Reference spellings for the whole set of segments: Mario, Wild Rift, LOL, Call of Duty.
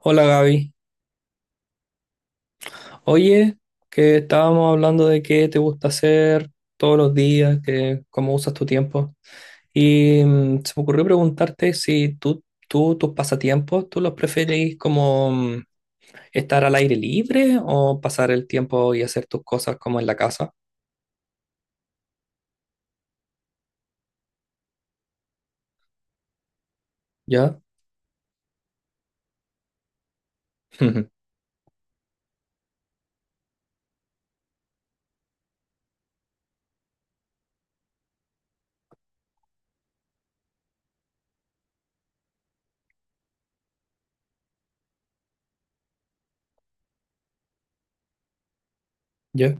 Hola Gaby. Oye, que estábamos hablando de qué te gusta hacer todos los días, que cómo usas tu tiempo. Y se me ocurrió preguntarte si tú tus pasatiempos, ¿tú los preferís como estar al aire libre o pasar el tiempo y hacer tus cosas como en la casa? ¿Ya? ¿Ya?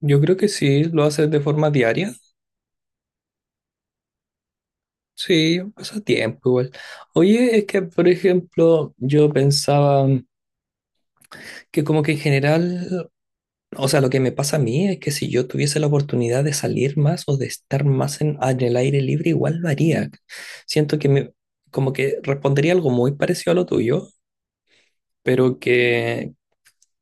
Yo creo que sí, lo haces de forma diaria. Sí, pasa tiempo igual. Oye, es que por ejemplo, yo pensaba que como que en general. O sea, lo que me pasa a mí es que si yo tuviese la oportunidad de salir más o de estar más en el aire libre, igual lo haría. Siento que me, como que respondería algo muy parecido a lo tuyo, pero que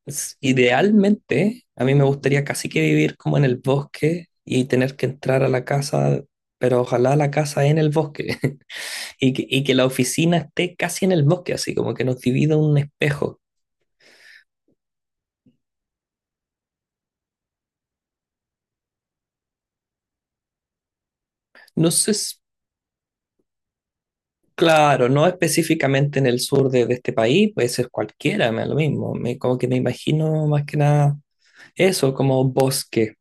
idealmente a mí me gustaría casi que vivir como en el bosque y tener que entrar a la casa, pero ojalá la casa en el bosque. Y que la oficina esté casi en el bosque, así como que nos divida un espejo. No sé, claro, no específicamente en el sur de este país, puede ser cualquiera, me da lo mismo. Me, como que me imagino más que nada eso, como bosque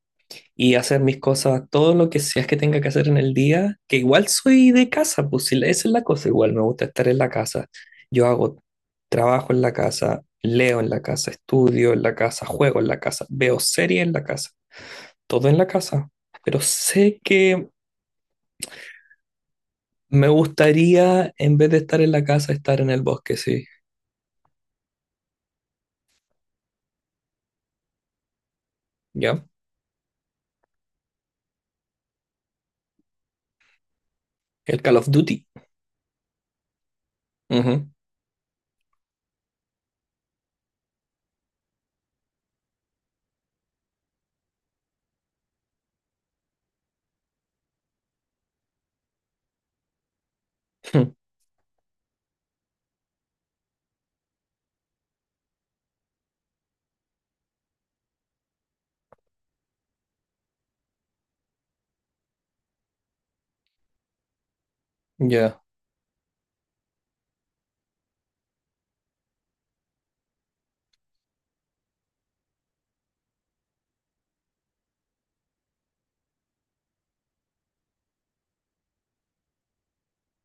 y hacer mis cosas, todo lo que sea que tenga que hacer en el día, que igual soy de casa, pues si esa es la cosa, igual me gusta estar en la casa. Yo hago trabajo en la casa, leo en la casa, estudio en la casa, juego en la casa, veo series en la casa, todo en la casa. Pero sé que me gustaría, en vez de estar en la casa, estar en el bosque, sí, ¿ya? El Call of Duty. Ujú. Ya,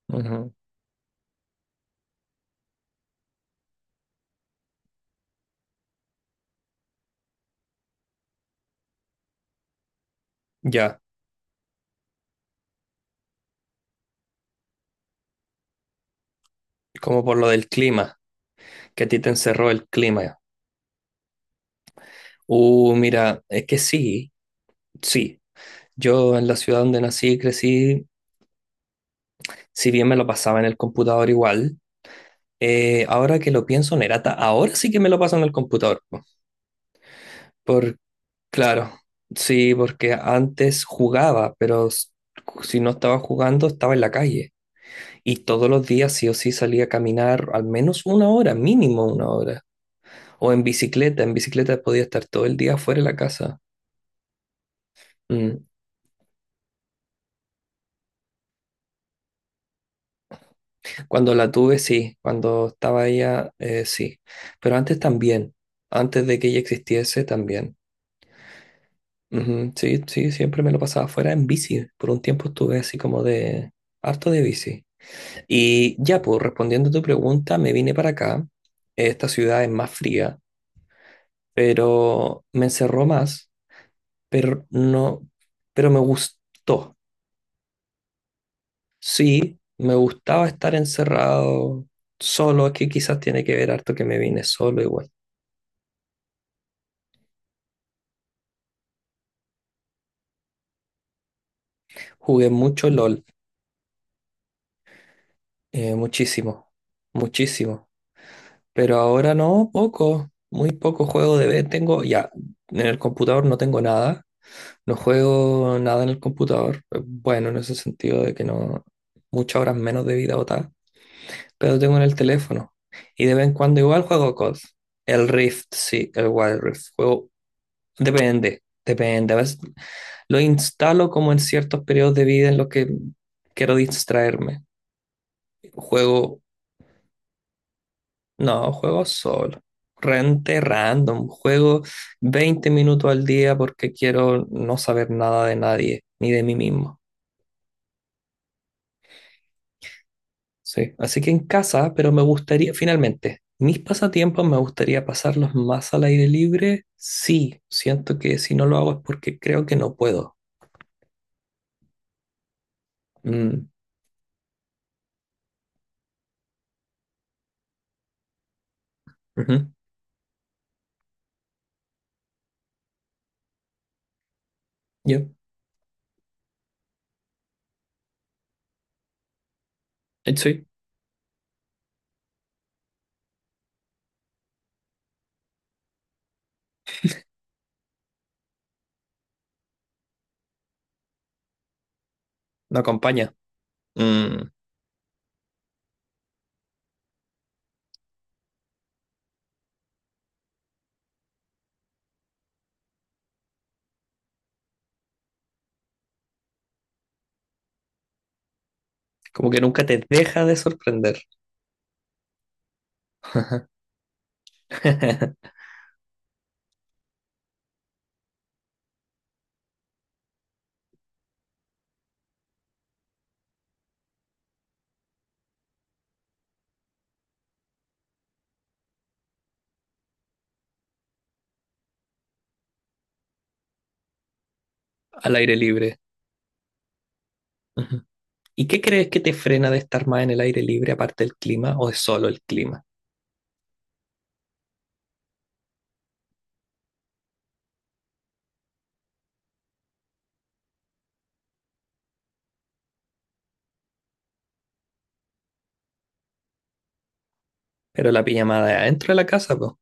ujú, ya. Como por lo del clima, que a ti te encerró el clima. Mira, es que sí, sí. Yo en la ciudad donde nací y crecí, si bien me lo pasaba en el computador igual, ahora que lo pienso, Nerata, ahora sí que me lo paso en el computador, po. Por, claro, sí, porque antes jugaba, pero si no estaba jugando, estaba en la calle. Y todos los días sí o sí salía a caminar al menos una hora, mínimo una hora. O en bicicleta podía estar todo el día fuera de la casa. Mm. Cuando la tuve, sí, cuando estaba ella, sí. Pero antes también, antes de que ella existiese, también. Ujú. Sí, sí, siempre me lo pasaba fuera en bici. Por un tiempo estuve así como de harto de bici. Y ya, pues respondiendo a tu pregunta, me vine para acá. Esta ciudad es más fría, pero me encerró más, pero no, pero me gustó. Sí, me gustaba estar encerrado solo, es que quizás tiene que ver harto que me vine solo igual. Jugué mucho LOL, muchísimo, muchísimo, pero ahora no, poco, muy poco juego de vez tengo, ya, en el computador no tengo nada, no juego nada en el computador, bueno, en ese sentido de que no, muchas horas menos de vida botada, pero tengo en el teléfono, y de vez en cuando igual juego COD, el Rift, sí, el Wild Rift, juego. Depende, depende. A veces lo instalo como en ciertos periodos de vida en los que quiero distraerme. Juego, no, juego solo. Rente random. Juego 20 minutos al día porque quiero no saber nada de nadie, ni de mí mismo. Sí. Así que en casa, pero me gustaría, finalmente, mis pasatiempos me gustaría pasarlos más al aire libre. Sí, siento que si no lo hago es porque creo que no puedo. Mm, ujú. Yo, sí, me acompaña. Mm, como que nunca te deja de sorprender. Al aire libre. Ujú. ¿Y qué crees que te frena de estar más en el aire libre aparte del clima o es solo el clima? Pero la pijamada es adentro de la casa, pues.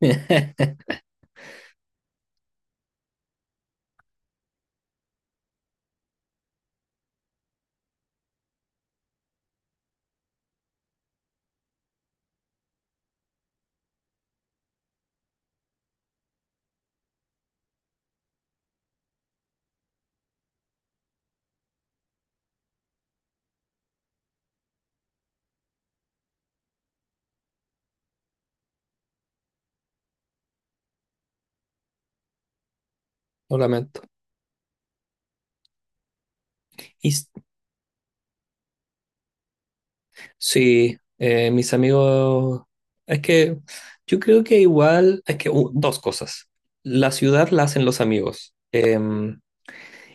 Lo lamento. Y sí, mis amigos, es que yo creo que igual, es que dos cosas. La ciudad la hacen los amigos. Em,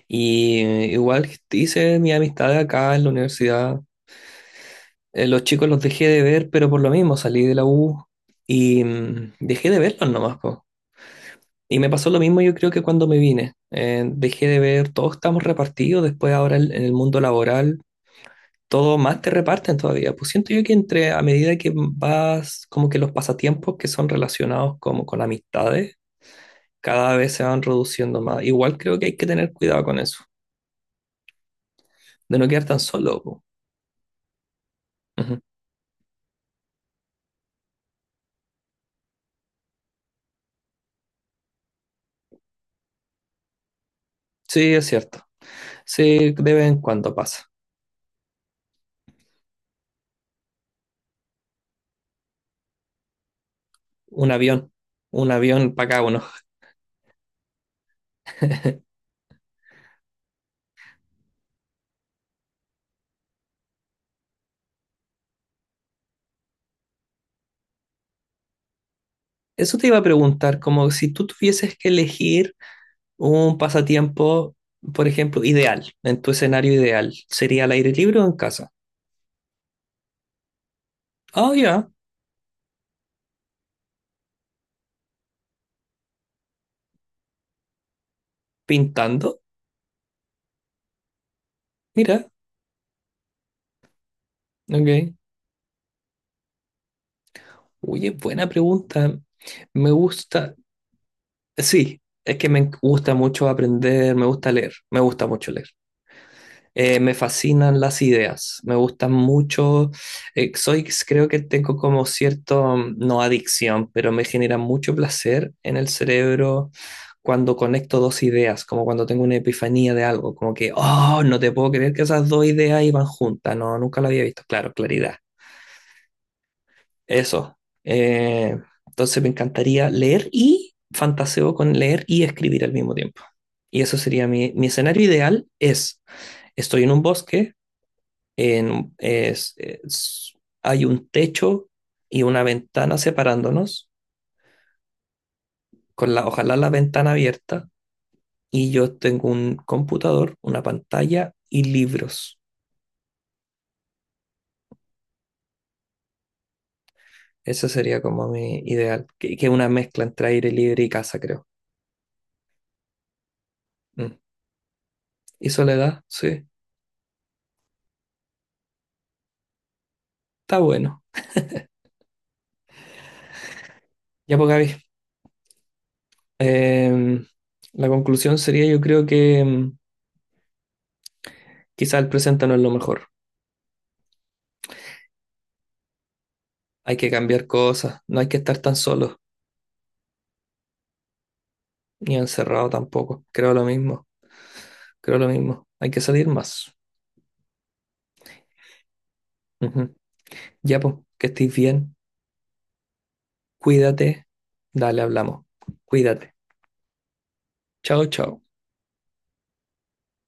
y igual hice mi amistad acá en la universidad. Los chicos los dejé de ver, pero por lo mismo salí de la U y dejé de verlos nomás, po. Y me pasó lo mismo yo creo que cuando me vine. Dejé de ver, todos estamos repartidos, después ahora en el mundo laboral, todos más te reparten todavía. Pues siento yo que entre, a medida que vas, como que los pasatiempos que son relacionados como con amistades, cada vez se van reduciendo más. Igual creo que hay que tener cuidado con eso, de no quedar tan solo, po. Ujú. Sí, es cierto. Sí, de vez en cuando pasa. Un avión, un avión para cada uno. Eso te iba a preguntar, como si tú tuvieses que elegir un pasatiempo, por ejemplo, ideal, en tu escenario ideal, ¿sería al aire libre o en casa? Oh, ya, pintando. Mira, ok. Oye, buena pregunta. Me gusta, sí, es que me gusta mucho aprender, me gusta leer, me gusta mucho leer. Me fascinan las ideas, me gustan mucho. Soy creo que tengo como cierto, no adicción, pero me genera mucho placer en el cerebro cuando conecto dos ideas, como cuando tengo una epifanía de algo, como que, oh, no te puedo creer que esas dos ideas iban juntas, no, nunca lo había visto, claro, claridad. Eso. Eh, entonces me encantaría leer y fantaseo con leer y escribir al mismo tiempo. Y eso sería mi escenario ideal, es, estoy en un bosque, en- es- es- hay un techo y una ventana separándonos, con la, ojalá la ventana abierta, y yo tengo un computador, una pantalla y libros. Ese sería como mi ideal, que es una mezcla entre aire libre y casa, creo. Mm. ¿Y soledad? Sí, está bueno. Ya pues, Gaby, em, la conclusión sería yo creo que quizá el presente no es lo mejor. Hay que cambiar cosas, no hay que estar tan solo, ni encerrado tampoco. Creo lo mismo. Creo lo mismo. Hay que salir más. Ujú. Ya, pues, que estés bien. Cuídate. Dale, hablamos. Cuídate. Chao, chao.